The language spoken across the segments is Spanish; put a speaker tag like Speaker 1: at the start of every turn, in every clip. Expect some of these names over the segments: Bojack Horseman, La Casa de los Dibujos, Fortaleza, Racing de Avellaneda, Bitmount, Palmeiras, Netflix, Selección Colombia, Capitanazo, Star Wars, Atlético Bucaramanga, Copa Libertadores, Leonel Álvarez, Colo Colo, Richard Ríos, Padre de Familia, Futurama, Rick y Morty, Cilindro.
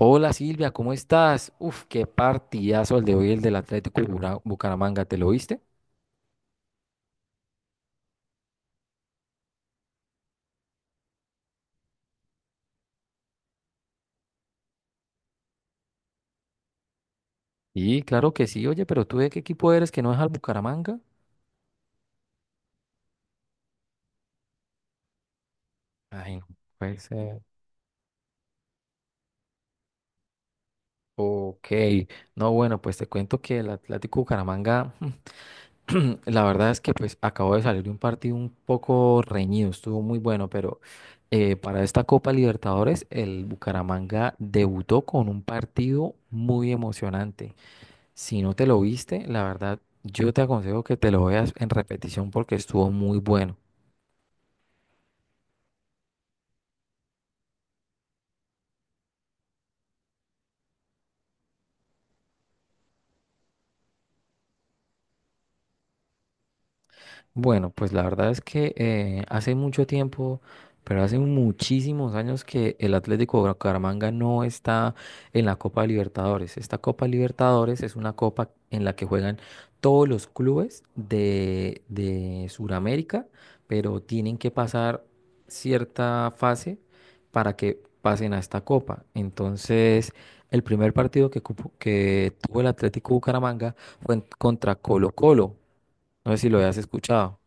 Speaker 1: Hola Silvia, ¿cómo estás? Uf, qué partidazo el de hoy, el del Atlético de Bucaramanga, ¿te lo viste? Sí, claro que sí, oye, pero ¿tú de qué equipo eres que no es al Bucaramanga? Ay, no puede ser. Ok, no, bueno, pues te cuento que el Atlético Bucaramanga, la verdad es que pues acabó de salir de un partido un poco reñido, estuvo muy bueno, pero para esta Copa Libertadores el Bucaramanga debutó con un partido muy emocionante. Si no te lo viste, la verdad, yo te aconsejo que te lo veas en repetición porque estuvo muy bueno. Bueno, pues la verdad es que hace mucho tiempo, pero hace muchísimos años que el Atlético Bucaramanga no está en la Copa Libertadores. Esta Copa Libertadores es una copa en la que juegan todos los clubes de Sudamérica, pero tienen que pasar cierta fase para que pasen a esta copa. Entonces, el primer partido que tuvo el Atlético Bucaramanga fue contra Colo Colo. No sé si lo hayas escuchado.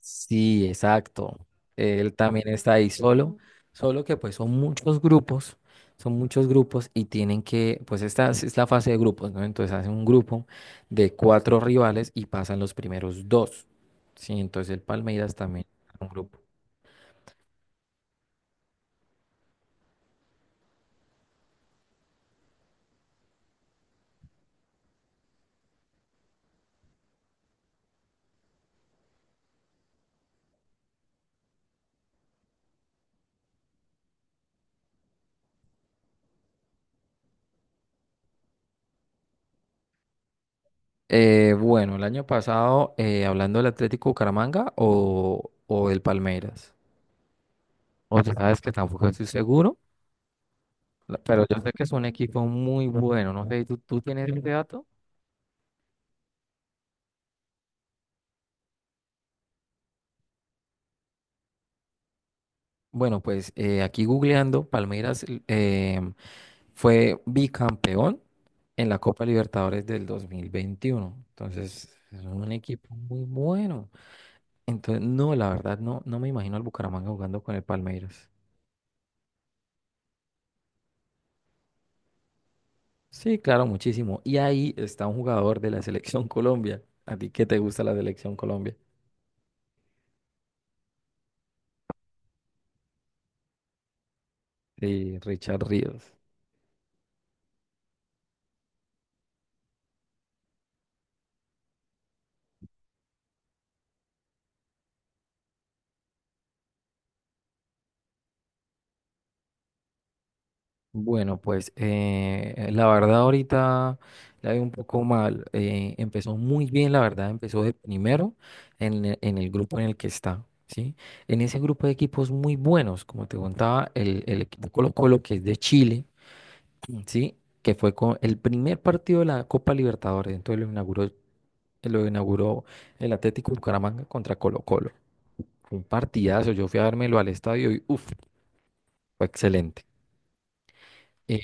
Speaker 1: Sí, exacto. Él también está ahí solo, solo que pues son muchos grupos, y tienen que, pues esta es la fase de grupos, ¿no? Entonces hacen un grupo de cuatro rivales y pasan los primeros dos. Sí, entonces el Palmeiras también es un grupo. Bueno, el año pasado, hablando del Atlético Bucaramanga o del Palmeiras, o sea, sabes que tampoco estoy seguro, pero yo sé que es un equipo muy bueno, no sé, ¿tú tienes ese dato? Bueno, pues aquí googleando, Palmeiras fue bicampeón en la Copa Libertadores del 2021. Entonces, es un equipo muy bueno. Entonces, no, la verdad, no, no me imagino al Bucaramanga jugando con el Palmeiras. Sí, claro, muchísimo. Y ahí está un jugador de la Selección Colombia. ¿A ti qué te gusta la Selección Colombia? Sí, Richard Ríos. Bueno, pues la verdad ahorita la veo un poco mal. Empezó muy bien, la verdad, empezó de primero en el grupo en el que está, ¿sí? En ese grupo de equipos muy buenos, como te contaba, el equipo Colo-Colo, que es de Chile, ¿sí? Que fue con el primer partido de la Copa Libertadores, entonces lo inauguró el Atlético Bucaramanga contra Colo-Colo. Fue un partidazo, yo fui a dármelo al estadio y uff, fue excelente. Eh,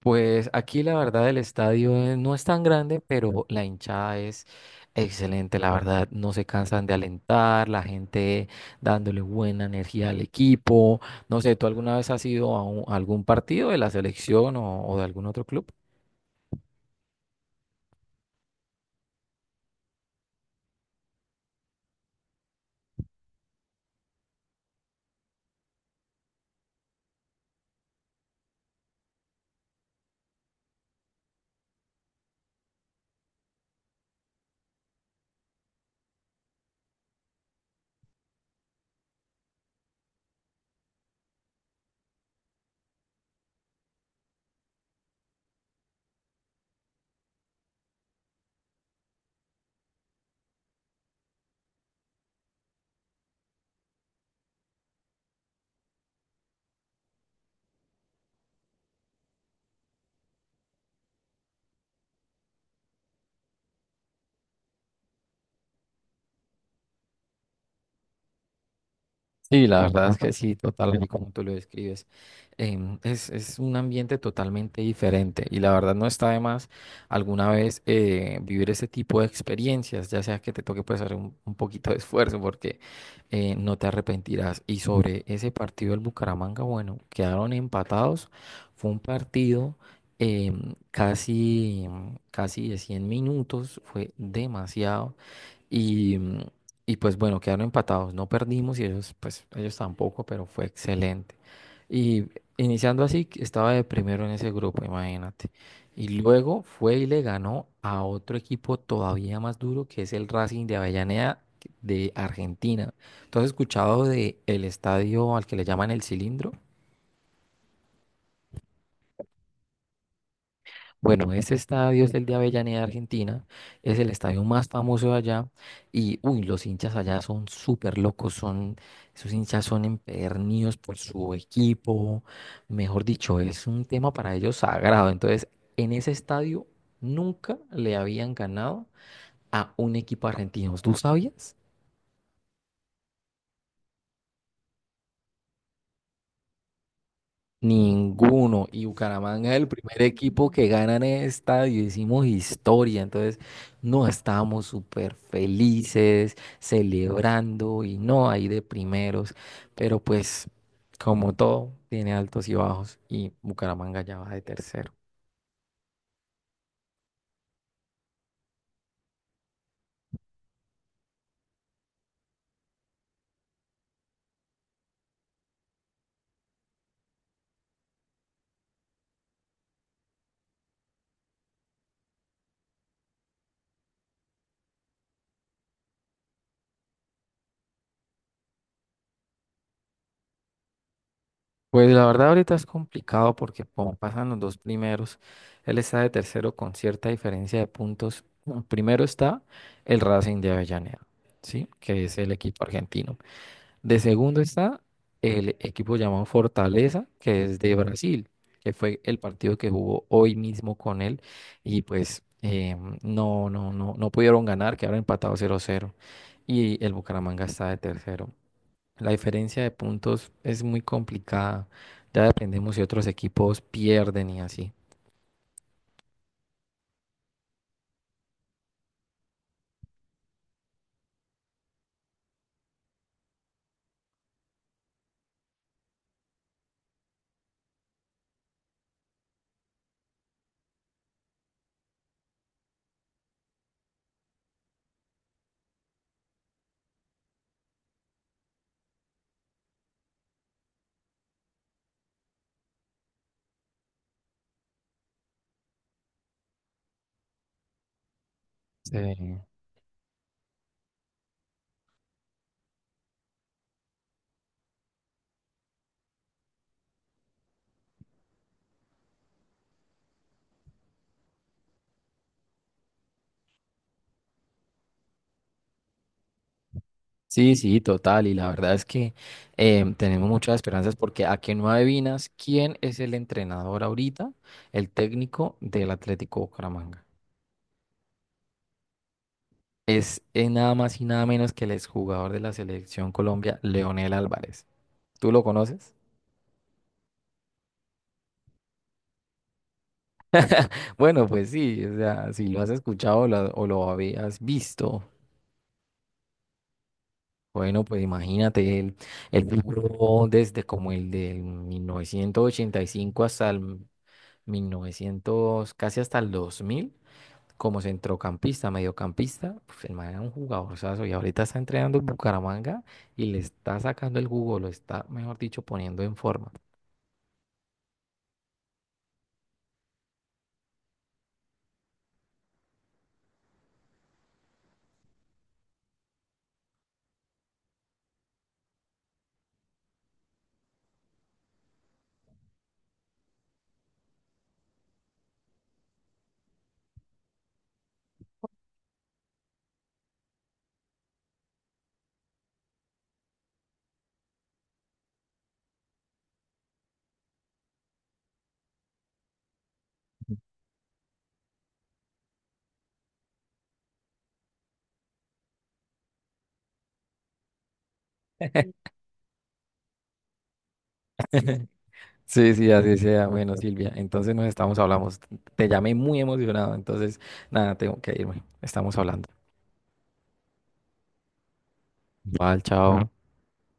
Speaker 1: Pues aquí la verdad el estadio no es tan grande, pero la hinchada es excelente, la verdad no se cansan de alentar, la gente dándole buena energía al equipo. No sé, ¿tú alguna vez has ido a algún partido de la selección o de algún otro club? Sí, la verdad es que sí, totalmente como tú lo describes. Es un ambiente totalmente diferente y la verdad no está de más alguna vez vivir ese tipo de experiencias, ya sea que te toque pues hacer un poquito de esfuerzo porque no te arrepentirás. Y sobre ese partido del Bucaramanga, bueno, quedaron empatados. Fue un partido casi, casi de 100 minutos, fue demasiado. Y, mm, y pues bueno, quedaron empatados, no perdimos y ellos, pues ellos tampoco, pero fue excelente. Y iniciando así, que estaba de primero en ese grupo, imagínate. Y luego fue y le ganó a otro equipo todavía más duro, que es el Racing de Avellaneda de Argentina. ¿Tú has escuchado de el estadio al que le llaman el Cilindro? Bueno, ese estadio es el de Avellaneda, Argentina, es el estadio más famoso de allá y, uy, los hinchas allá son súper locos, son, esos hinchas son empedernidos por su equipo, mejor dicho, es un tema para ellos sagrado. Entonces, en ese estadio nunca le habían ganado a un equipo argentino. ¿Tú sabías? Ninguno. Y Bucaramanga es el primer equipo que gana en el estadio. Hicimos historia. Entonces, no estábamos súper felices, celebrando y no ahí de primeros. Pero pues, como todo, tiene altos y bajos. Y Bucaramanga ya va de tercero. Pues la verdad ahorita es complicado porque como pasan los dos primeros, él está de tercero con cierta diferencia de puntos. Primero está el Racing de Avellaneda, ¿sí? Que es el equipo argentino. De segundo está el equipo llamado Fortaleza, que es de Brasil, que fue el partido que jugó hoy mismo con él y pues no, no, no, no pudieron ganar, quedaron empatados 0-0 y el Bucaramanga está de tercero. La diferencia de puntos es muy complicada, ya dependemos si otros equipos pierden y así. Sí. Sí, sí, total. Y la verdad es que tenemos muchas esperanzas porque a que no adivinas quién es el entrenador ahorita, el técnico del Atlético Bucaramanga. Es nada más y nada menos que el exjugador de la selección Colombia, Leonel Álvarez. ¿Tú lo conoces? Bueno, pues sí, o sea, si lo has escuchado o o lo habías visto. Bueno, pues imagínate, él vivió desde como el del 1985 hasta el 1900 casi hasta el 2000. Como centrocampista, mediocampista, pues el man era un jugadorzazo y ahorita está entrenando en Bucaramanga y le está sacando el jugo, lo está, mejor dicho, poniendo en forma. Sí, sí, así sea. Bueno, Silvia, entonces nos estamos hablando. Te llamé muy emocionado, entonces nada, tengo que irme. Estamos hablando. Vale, chao.